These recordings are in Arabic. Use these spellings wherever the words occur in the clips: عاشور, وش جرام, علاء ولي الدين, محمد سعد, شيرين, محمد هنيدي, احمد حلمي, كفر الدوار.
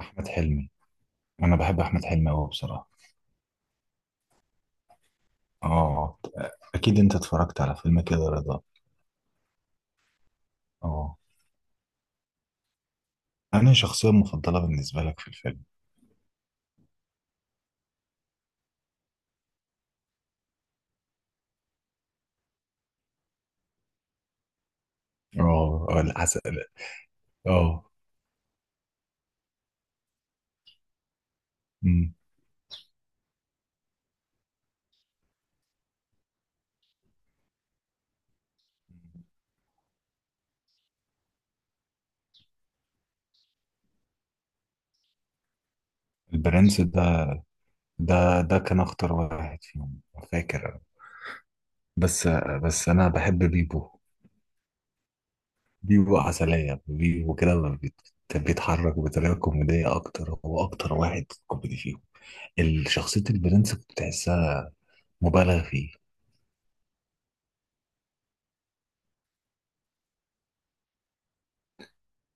احمد حلمي. انا بحب احمد حلمي قوي بصراحه. اه، اكيد انت اتفرجت على فيلم كده رضا؟ اه. انا شخصيه مفضله بالنسبه لك في الفيلم؟ اه، آه، العسل. اه. أمم. البرنس ده كان اخطر واحد فيهم، فاكر أنا. بس بس انا بحب بيبو. بيبو عسليه، بيبو كده ما بيت- بيتحرك بطريقه كوميديه اكتر، هو اكتر واحد كوميدي فيهم. الشخصيه البرنس كنت تحسها مبالغ فيه.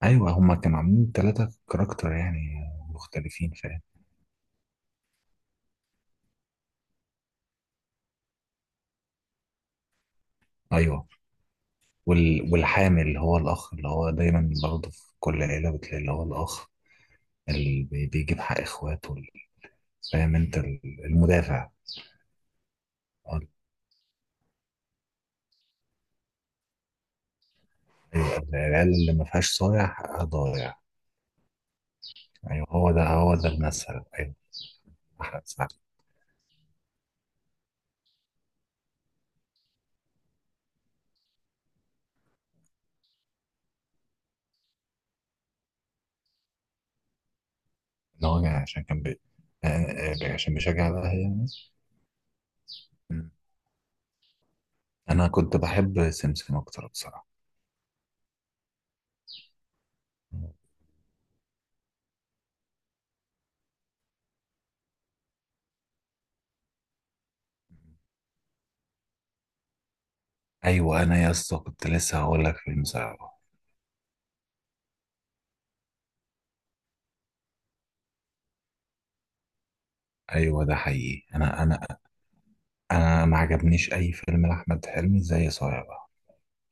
ايوه، هما كانوا عاملين ثلاثة كاركتر يعني مختلفين، فاهم. ايوه، والحامل اللي هو الاخ، اللي هو دايما برضه في كل عيلة بتلاقي اللي هو الاخ اللي بيجيب حق اخواته فاهم انت المدافع. اه، ايوه، العيال اللي ما فيهاش صايع حقها ضايع. ايوه، هو ده المثل، ايوه. احمد سعد. اللي هو يعني عشان كان بي... آه، آه، عشان بيشجع الاهلي يعني. مم. انا كنت بحب سمسم اكتر بصراحة. ايوه، انا يا اسطى كنت لسه هقول لك في المساعدة. ايوه، ده حقيقي. انا انا ما عجبنيش اي فيلم لاحمد حلمي زي صايع بقى،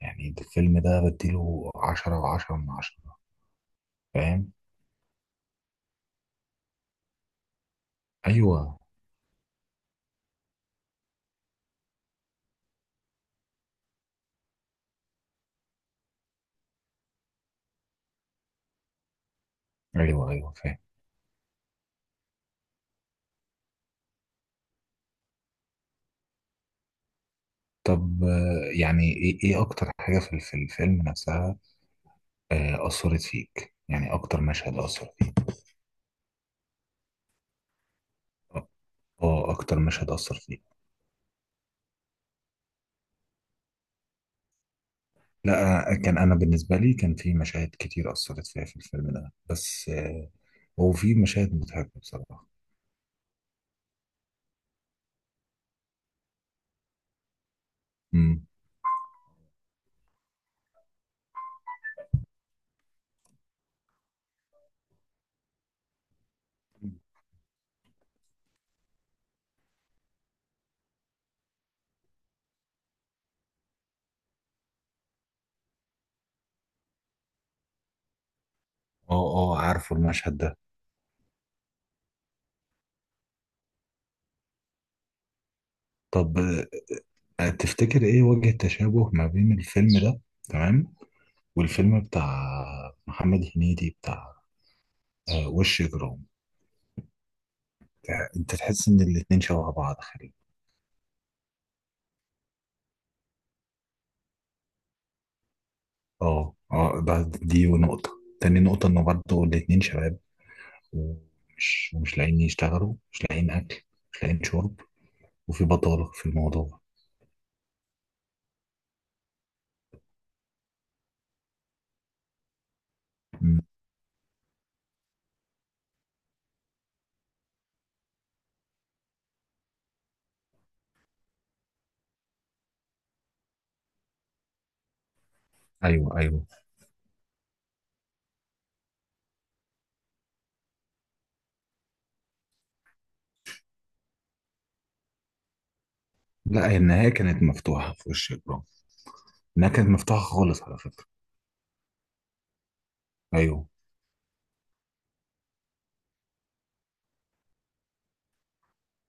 يعني الفيلم ده بديله 10 و10 من 10، فاهم. ايوه، ايوه، ايوه، فاهم. طب، يعني ايه اكتر حاجه في الفيلم نفسها؟ اثرت فيك يعني، اكتر مشهد اثر فيك؟ اه، اكتر مشهد اثر فيك؟ لا، كان انا بالنسبه لي كان في مشاهد كتير اثرت فيها في الفيلم ده، بس. هو في مشاهد مضحكه بصراحه. امم. اه، اه، عارفه المشهد ده. طب، تفتكر ايه وجه التشابه ما بين الفيلم ده، تمام، والفيلم بتاع محمد هنيدي بتاع وش جرام؟ انت تحس ان الاتنين شبه بعض خالي؟ اه، اه، دي نقطة. تاني نقطة انه برضه الاتنين شباب، ومش لاقيين يشتغلوا، مش لاقيين اكل، مش لاقيين شرب، وفي بطالة في الموضوع. مم. ايوه، ايوه. لا، هي النهاية كانت مفتوحة في وش جرام. النهاية كانت مفتوحة خالص على فكرة. ايوه.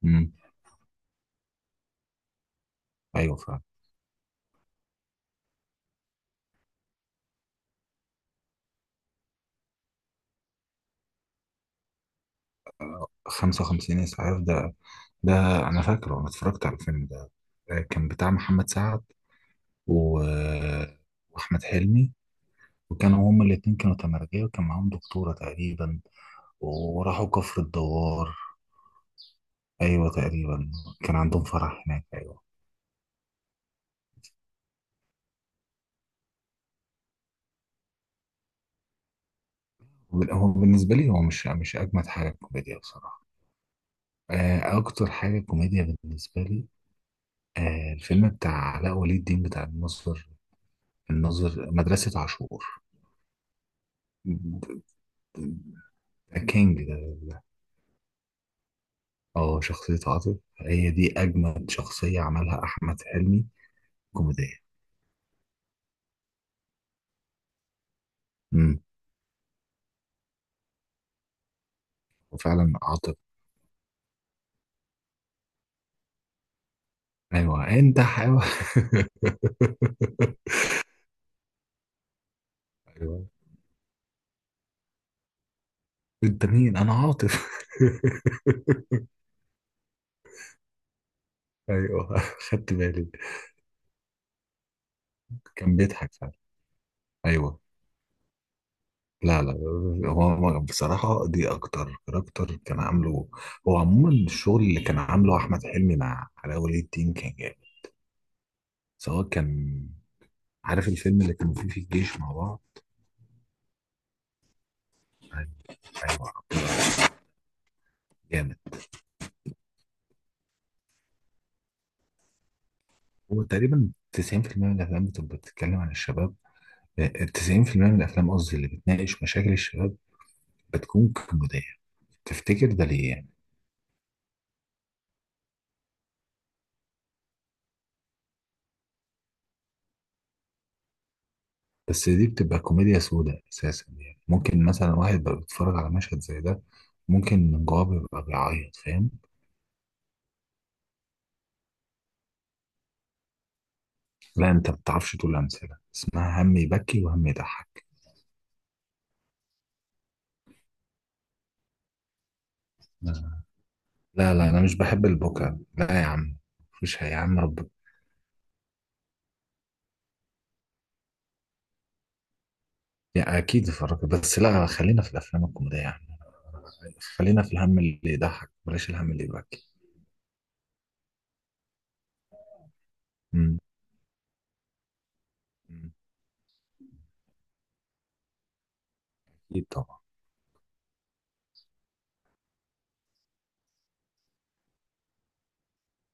مم. ايوه فعلا. 55 اسعاف ده. ده انا فاكره، انا اتفرجت على الفيلم ده. كان بتاع محمد سعد و... آه، واحمد حلمي، وكانوا هما الاتنين كانوا تمرجية، وكان معاهم دكتورة تقريبا، وراحوا كفر الدوار. ايوه تقريبا. كان عندهم فرح هناك، ايوه. هو بالنسبة لي هو مش اجمد حاجة كوميديا بصراحة. اكتر حاجة كوميديا بالنسبة لي، الفيلم بتاع علاء ولي الدين بتاع الناظر. الناظر مدرسة عاشور ده كينج ده. اه، شخصية عاطف هي دي أجمل شخصية عملها أحمد حلمي كوميدية. امم. وفعلا عاطف. أيوه، أنت حيوان أيوه، أنت مين؟ أنا عاطف. أيوه، خدت بالي، كان بيضحك فعلا. أيوه. لا، لا، هو بصراحة دي أكتر كاركتر كان عامله. هو عموما الشغل اللي كان عامله أحمد حلمي مع علاء ولي الدين كان جامد، سواء كان عارف الفيلم اللي كانوا فيه في الجيش مع بعض. أيوه، أيوه، جامد. هو تقريبا 90% من الافلام بتبقى بتتكلم عن الشباب. آه، 90% من الافلام قصدي اللي بتناقش مشاكل الشباب بتكون كوميدية. تفتكر ده ليه يعني؟ بس دي بتبقى كوميديا سوداء اساسا، يعني ممكن مثلا واحد بقى بيتفرج على مشهد زي ده، ممكن من جواه بيبقى بيعيط، فاهم. لا، انت ما بتعرفش تقول امثله اسمها هم يبكي وهم يضحك. آه. لا، لا، انا مش بحب البكا، لا يا عم. مفيش يا عم رب. يعني اكيد اتفرجت بس، لا خلينا في الافلام الكوميديه، خلينا في الهم اللي يضحك، بلاش الهم اللي يبكي. مم. مم. اكيد طبعا.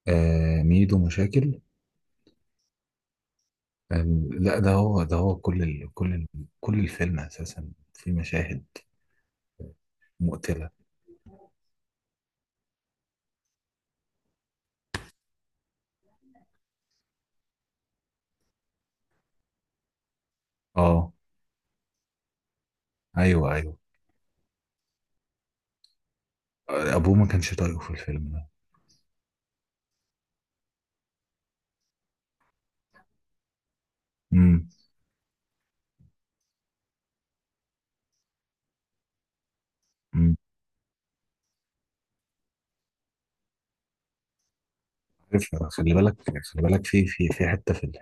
آه، ميدو مشاكل. آه، لا، ده هو كل الفيلم اساسا، في مشاهد مقتلة. اه، ايوه، ايوه. ابوه ما كانش طايقه في الفيلم ده. امم، امم. عارف، خلي بالك، خلي بالك،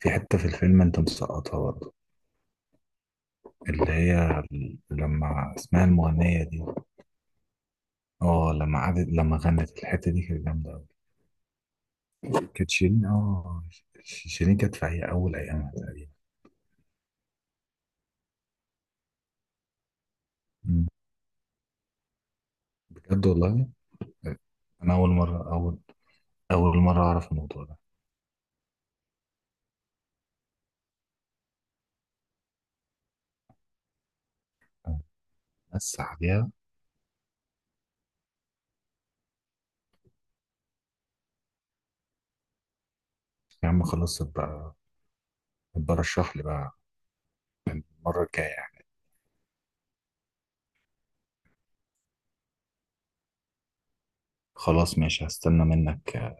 في حتة في الفيلم انت مسقطها برضه. اللي هي لما اسمها المغنية دي. اه، لما قعدت لما غنت الحتة دي كانت جامدة أوي. كانت شيرين شيرين كانت في هي اول ايامها تقريبا. مم. بجد والله. انا اول مره اعرف الموضوع ده. بس عليها. يا عم خلاص، ابقى رشح لي بقى المره الجايه يعني. خلاص ماشي، هستنى منك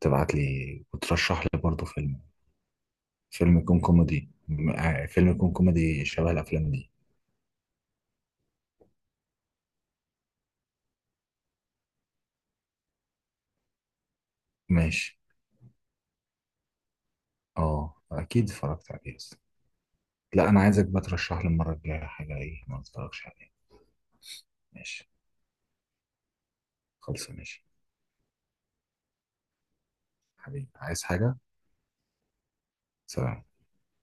تبعت لي وترشح لي برضه فيلم. فيلم يكون كوميدي م- آه، فيلم يكون كوميدي شبه الافلام دي. ماشي. اه، اكيد اتفرجت عليه، بس لا، انا عايزك بقى ترشح لي المره الجايه حاجه ايه ما اتفرجش عليها. ماشي خلص، ماشي، حبيبي عايز حاجة. سلام.